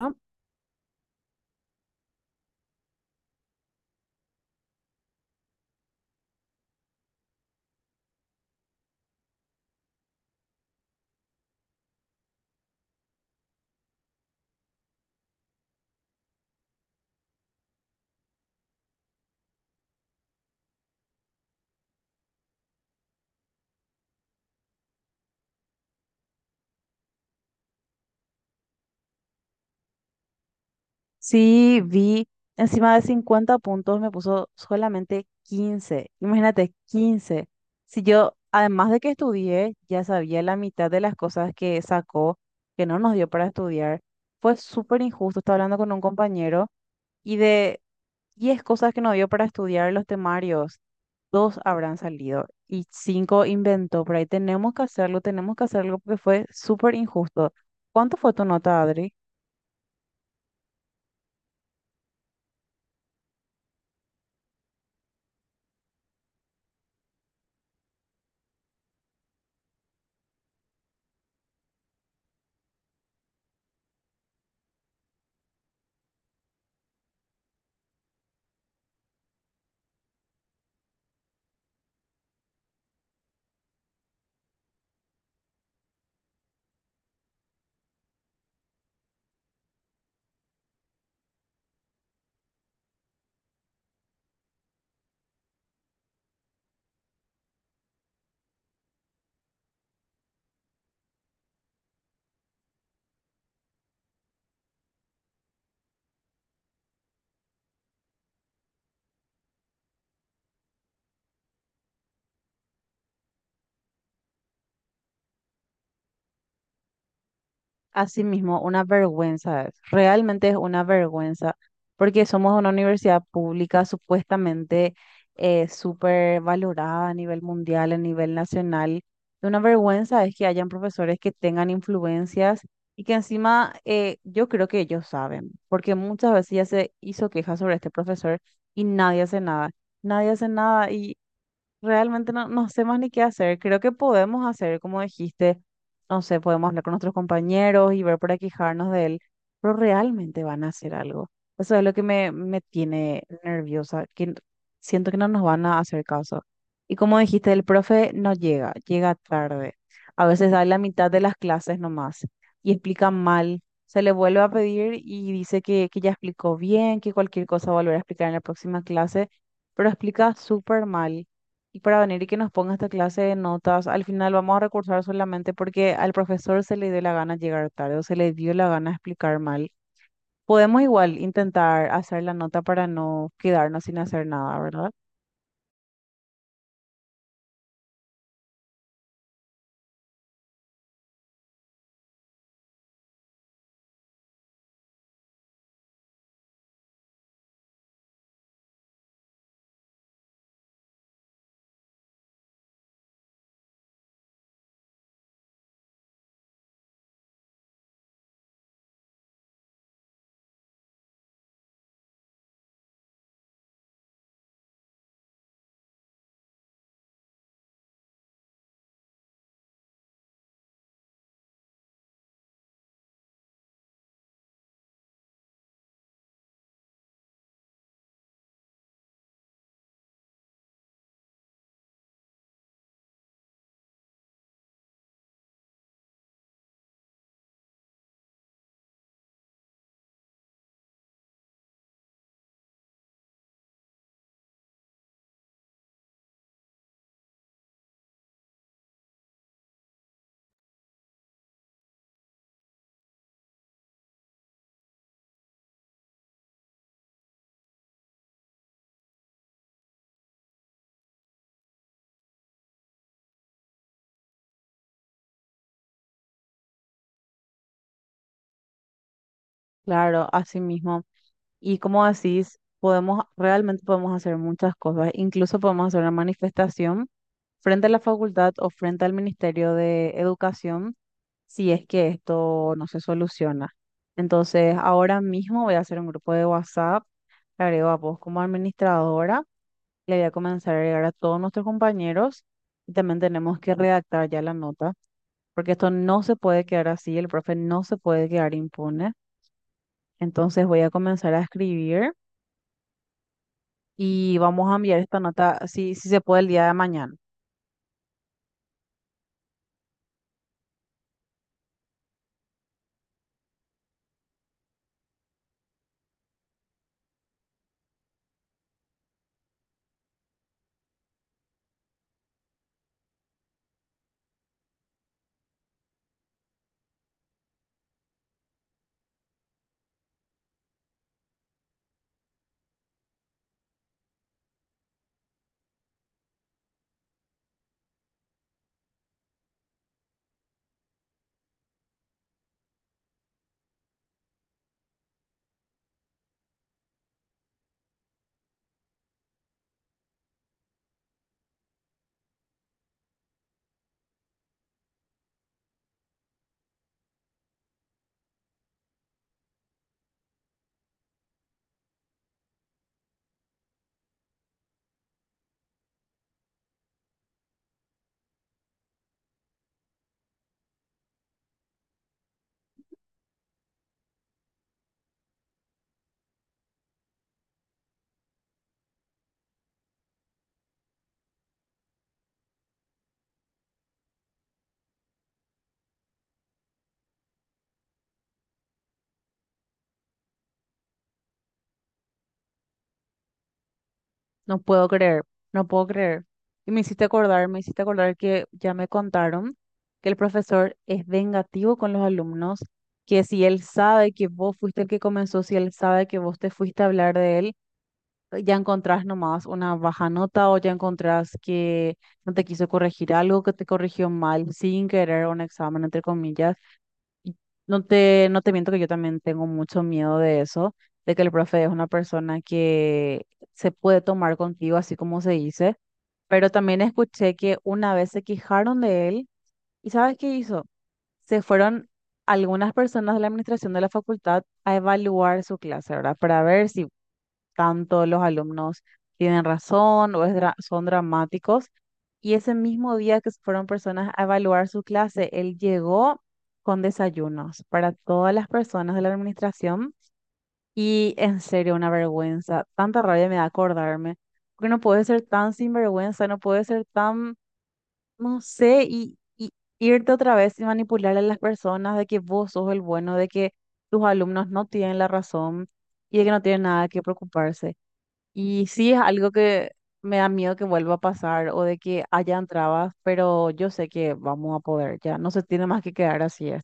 ¿No? Sí, vi encima de 50 puntos me puso solamente 15. Imagínate, 15. Si yo, además de que estudié, ya sabía la mitad de las cosas que sacó, que no nos dio para estudiar, fue súper injusto. Estaba hablando con un compañero y de 10 cosas que nos dio para estudiar los temarios, dos habrán salido y cinco inventó por ahí. Tenemos que hacerlo porque fue súper injusto. ¿Cuánto fue tu nota, Adri? Así mismo, una vergüenza es, realmente es una vergüenza, porque somos una universidad pública supuestamente, súper valorada a nivel mundial, a nivel nacional. Y una vergüenza es que hayan profesores que tengan influencias y que encima, yo creo que ellos saben, porque muchas veces ya se hizo queja sobre este profesor y nadie hace nada, nadie hace nada. Realmente no, no sé más ni qué hacer. Creo que podemos hacer, como dijiste, no sé, podemos hablar con nuestros compañeros y ver para quejarnos de él, pero realmente van a hacer algo. Eso es lo que me tiene nerviosa, siento que no nos van a hacer caso. Y como dijiste, el profe no llega, llega tarde. A veces da la mitad de las clases nomás y explica mal. Se le vuelve a pedir y dice que ya explicó bien, que cualquier cosa volverá a explicar en la próxima clase, pero explica súper mal, y para venir y que nos ponga esta clase de notas, al final vamos a recursar solamente porque al profesor se le dio la gana llegar tarde o se le dio la gana explicar mal. Podemos igual intentar hacer la nota para no quedarnos sin hacer nada, ¿verdad? Claro, así mismo. Y como decís, podemos, realmente podemos hacer muchas cosas. Incluso podemos hacer una manifestación frente a la facultad o frente al Ministerio de Educación si es que esto no se soluciona. Entonces, ahora mismo voy a hacer un grupo de WhatsApp, le agrego a vos como administradora, le voy a comenzar a agregar a todos nuestros compañeros y también tenemos que redactar ya la nota, porque esto no se puede quedar así, el profe no se puede quedar impune. Entonces, voy a comenzar a escribir y vamos a enviar esta nota, si se puede, el día de mañana. No puedo creer, no puedo creer. Y me hiciste acordar que ya me contaron que el profesor es vengativo con los alumnos, que si él sabe que vos fuiste el que comenzó, si él sabe que vos te fuiste a hablar de él, ya encontrás nomás una baja nota o ya encontrás que no te quiso corregir algo, que te corrigió mal sin querer un examen, entre comillas. No te miento que yo también tengo mucho miedo de eso, de que el profe es una persona que se puede tomar contigo, así como se dice, pero también escuché que una vez se quejaron de él. ¿Y sabes qué hizo? Se fueron algunas personas de la administración de la facultad a evaluar su clase, ¿verdad? Para ver si tanto los alumnos tienen razón o son dramáticos. Y ese mismo día que fueron personas a evaluar su clase, él llegó con desayunos para todas las personas de la administración, y en serio una vergüenza, tanta rabia me da acordarme, porque no puede ser tan sinvergüenza, no puede ser tan, no sé, y irte otra vez y manipular a las personas de que vos sos el bueno, de que tus alumnos no tienen la razón y de que no tienen nada que preocuparse. Y sí, es algo que me da miedo que vuelva a pasar o de que hayan trabas, pero yo sé que vamos a poder, ya no se tiene más que quedar así es.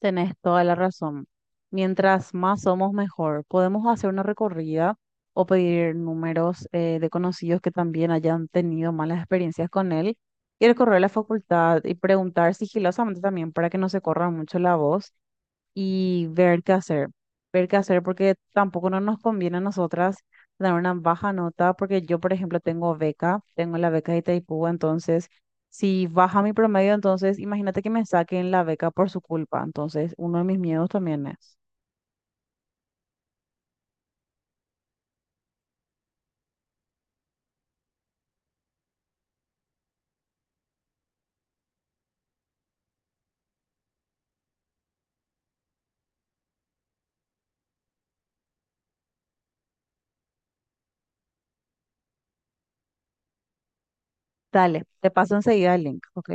Tenés toda la razón. Mientras más somos, mejor. Podemos hacer una recorrida o pedir números de conocidos que también hayan tenido malas experiencias con él y recorrer la facultad y preguntar sigilosamente también para que no se corra mucho la voz y ver qué hacer. Ver qué hacer porque tampoco no nos conviene a nosotras dar una baja nota porque yo, por ejemplo, tengo beca, tengo la beca de Itaipú, entonces si baja mi promedio, entonces imagínate que me saquen la beca por su culpa. Entonces, uno de mis miedos también es. Dale, te paso enseguida el link, ¿ok?